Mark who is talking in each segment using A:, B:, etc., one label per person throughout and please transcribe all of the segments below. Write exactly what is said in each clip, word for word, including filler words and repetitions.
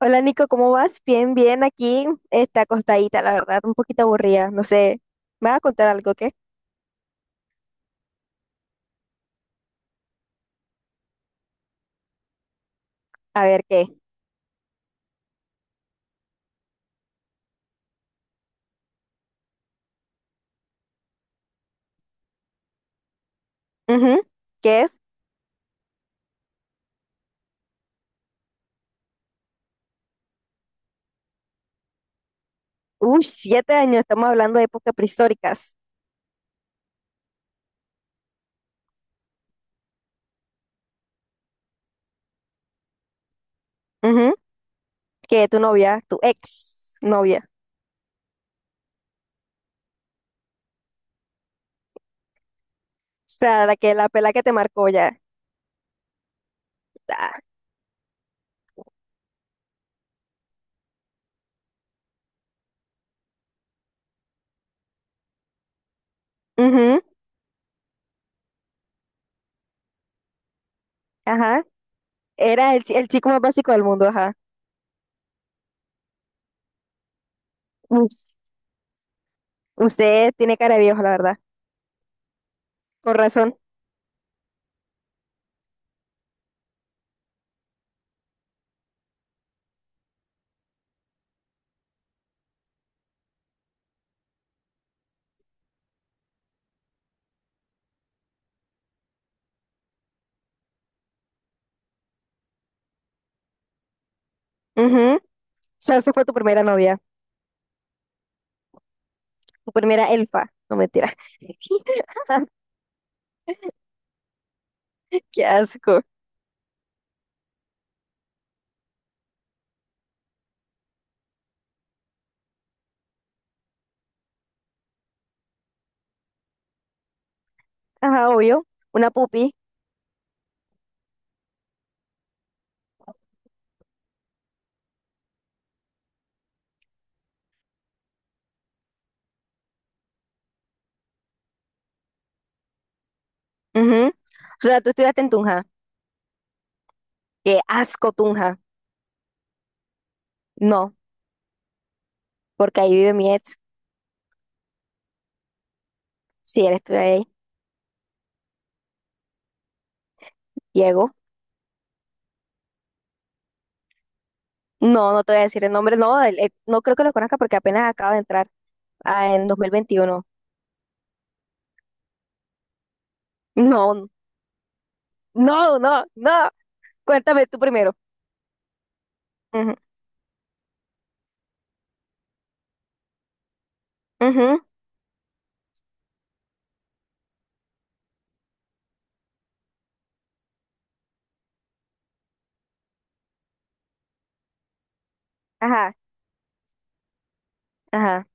A: Hola Nico, ¿cómo vas? Bien, bien, aquí está acostadita, la verdad, un poquito aburrida, no sé. ¿Me vas a contar algo qué? A ver qué. Ujú. ¿Qué es? Uy, siete años, estamos hablando de épocas prehistóricas. Ujú. Que tu novia, tu ex novia, o sea, la que la pela que te marcó ya. Ah, ujú. Ajá, era el, chi- el chico más básico del mundo, ajá. Uy, usted tiene cara de viejo, la verdad, con razón. Ujú. O sea, esa fue tu primera novia, tu primera elfa, no mentira. Qué asco. Ajá, obvio. Una pupi. Ujú. O sea, tú estudiaste en Tunja. Qué asco, Tunja. No, porque ahí vive mi ex. Si él estudia ahí, Diego. No, no te voy a decir el nombre. No, él- él- no creo que lo conozca porque apenas acaba de entrar ah, en dos mil veintiuno. No, no, no, no. Cuéntame tú primero. Ujú, ujú. Ajá, ajá,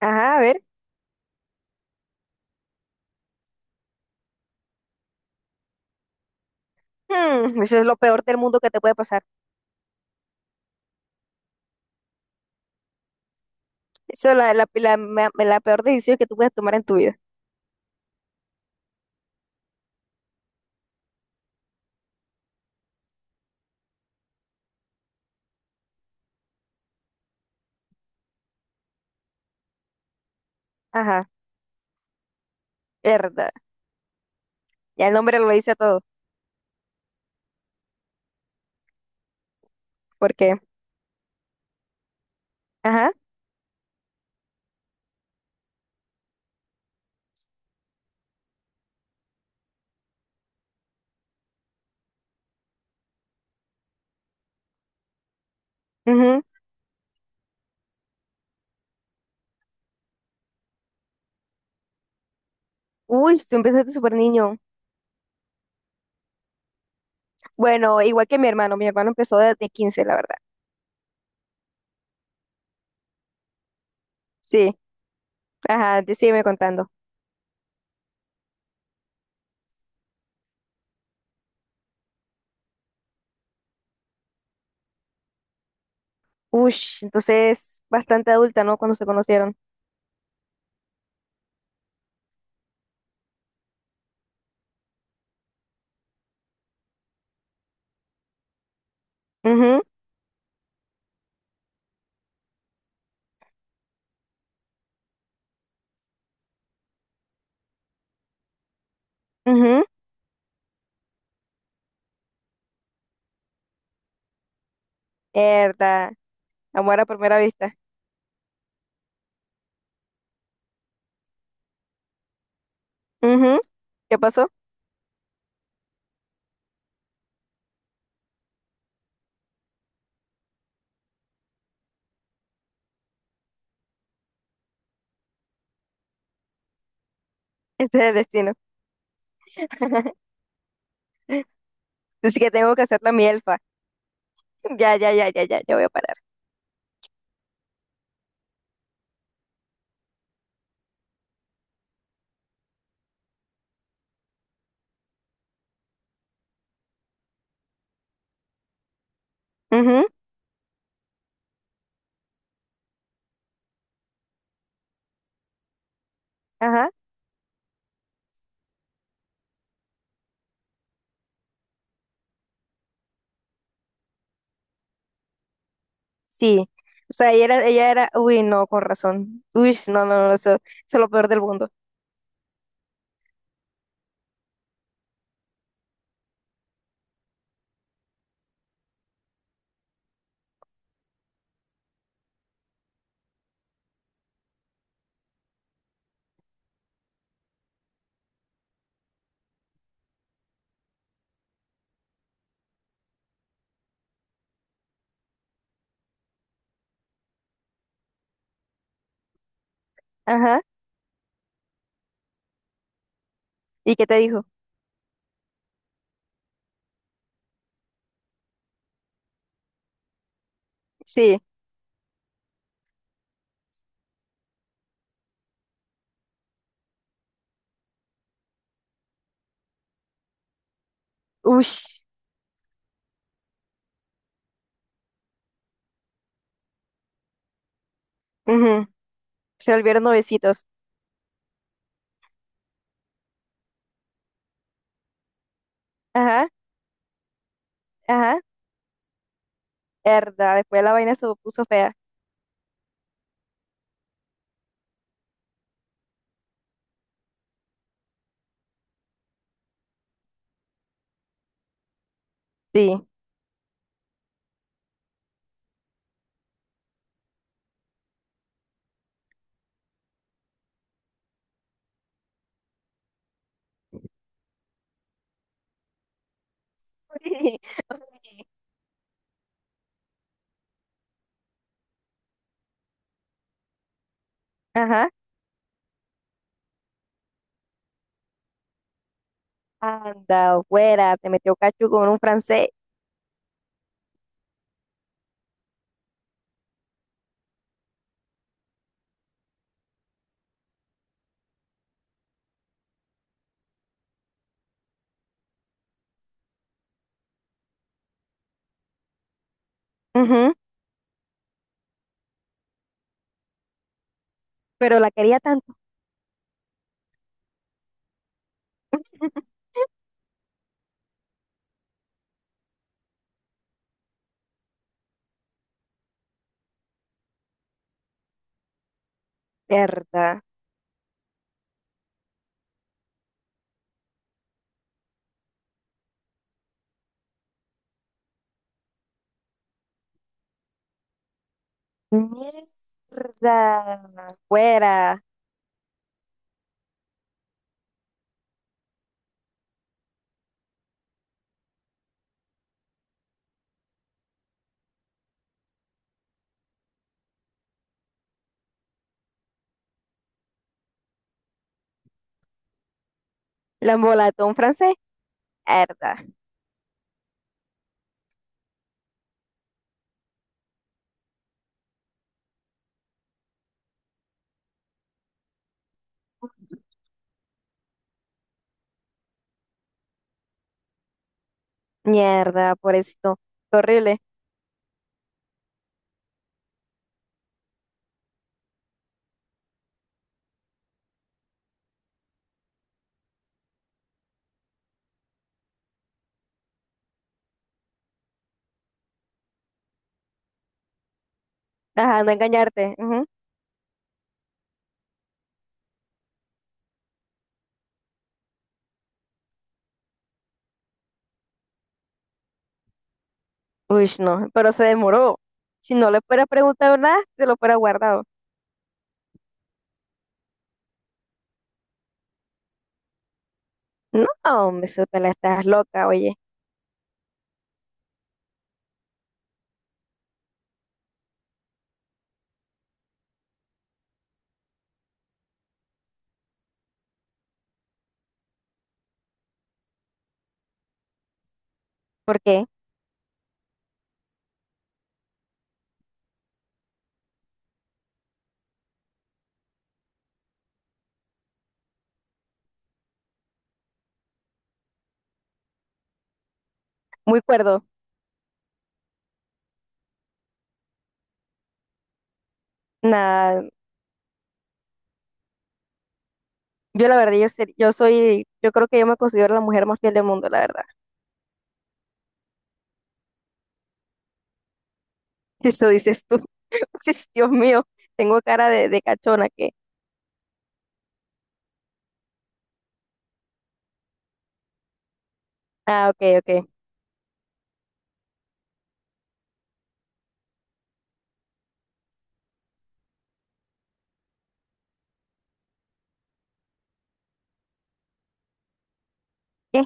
A: ajá, a ver. Hmm, eso es lo peor del mundo que te puede pasar. Eso es la, la, la, ma- la peor decisión que tú puedes tomar en tu vida. Ajá, verdad. Ya el nombre lo dice todo. Porque, ajá. Ujú. Uy, tú empezaste súper niño. Bueno, igual que mi hermano. Mi hermano empezó desde quince, la verdad. Sí, ajá, te sígueme contando. Uy, entonces bastante adulta, ¿no? Cuando se conocieron. Ujú, ujú. Verdad. Amor a primera vista. Ujú. ¿Qué pasó? Este es el destino. Así que tengo que hacerla mi elfa. Ya, ya, ya, ya, ya, ya voy a parar. Ujú. Ajá, sí. O sea, ella era, ella era, uy, no, con razón. Uy, no, no, no, eso, eso es lo peor del mundo. Ajá. ¿Y qué te dijo? Sí. Uy. Ujú. Se volvieron novecitos. Ajá, ajá. Herda, después la vaina se puso fea. Sí. Ajá. Anda, fuera, te metió cacho con un francés. Ujú. Pero la quería tanto. Herda. Mierda. Fuera. La embolató un francés. Herda. Mierda, pobrecito. Qué horrible. Ajá, no engañarte. Ujú. Uy, no. Pero se demoró. Si no le fuera preguntado nada, se lo fuera guardado. No, hombre, Isabela, estás loca, oye. ¿Por qué? Muy cuerdo. Nada, yo la verdad, yo, ser- yo soy, yo creo que yo me considero la mujer más fiel del mundo, la verdad. Eso dices tú. Dios mío, tengo cara de, de cachona que. Ah, ok, ok. ¿Qué?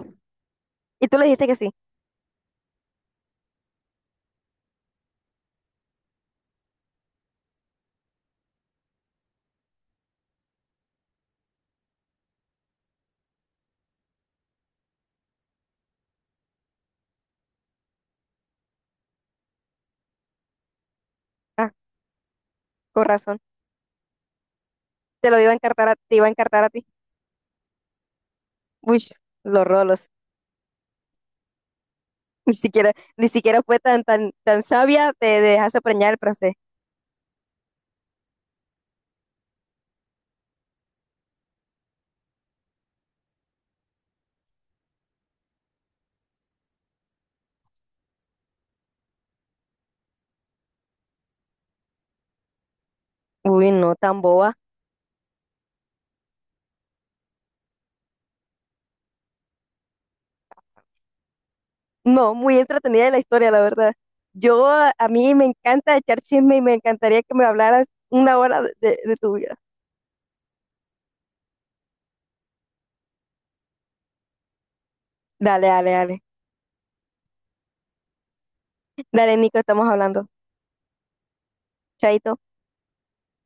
A: Y tú le dijiste que sí. Ah, con razón. Te lo iba a encartar a, te iba a encartar a ti. Uy, los rolos. Ni siquiera, ni siquiera fue tan, tan, tan sabia de, de dejarse preñar el francés. Uy, no, tan boba. No, muy entretenida la historia, la verdad. Yo, a a mí me encanta echar chisme y me encantaría que me hablaras una hora de, de de tu vida. Dale, dale, dale. Dale, Nico, estamos hablando. Chaito.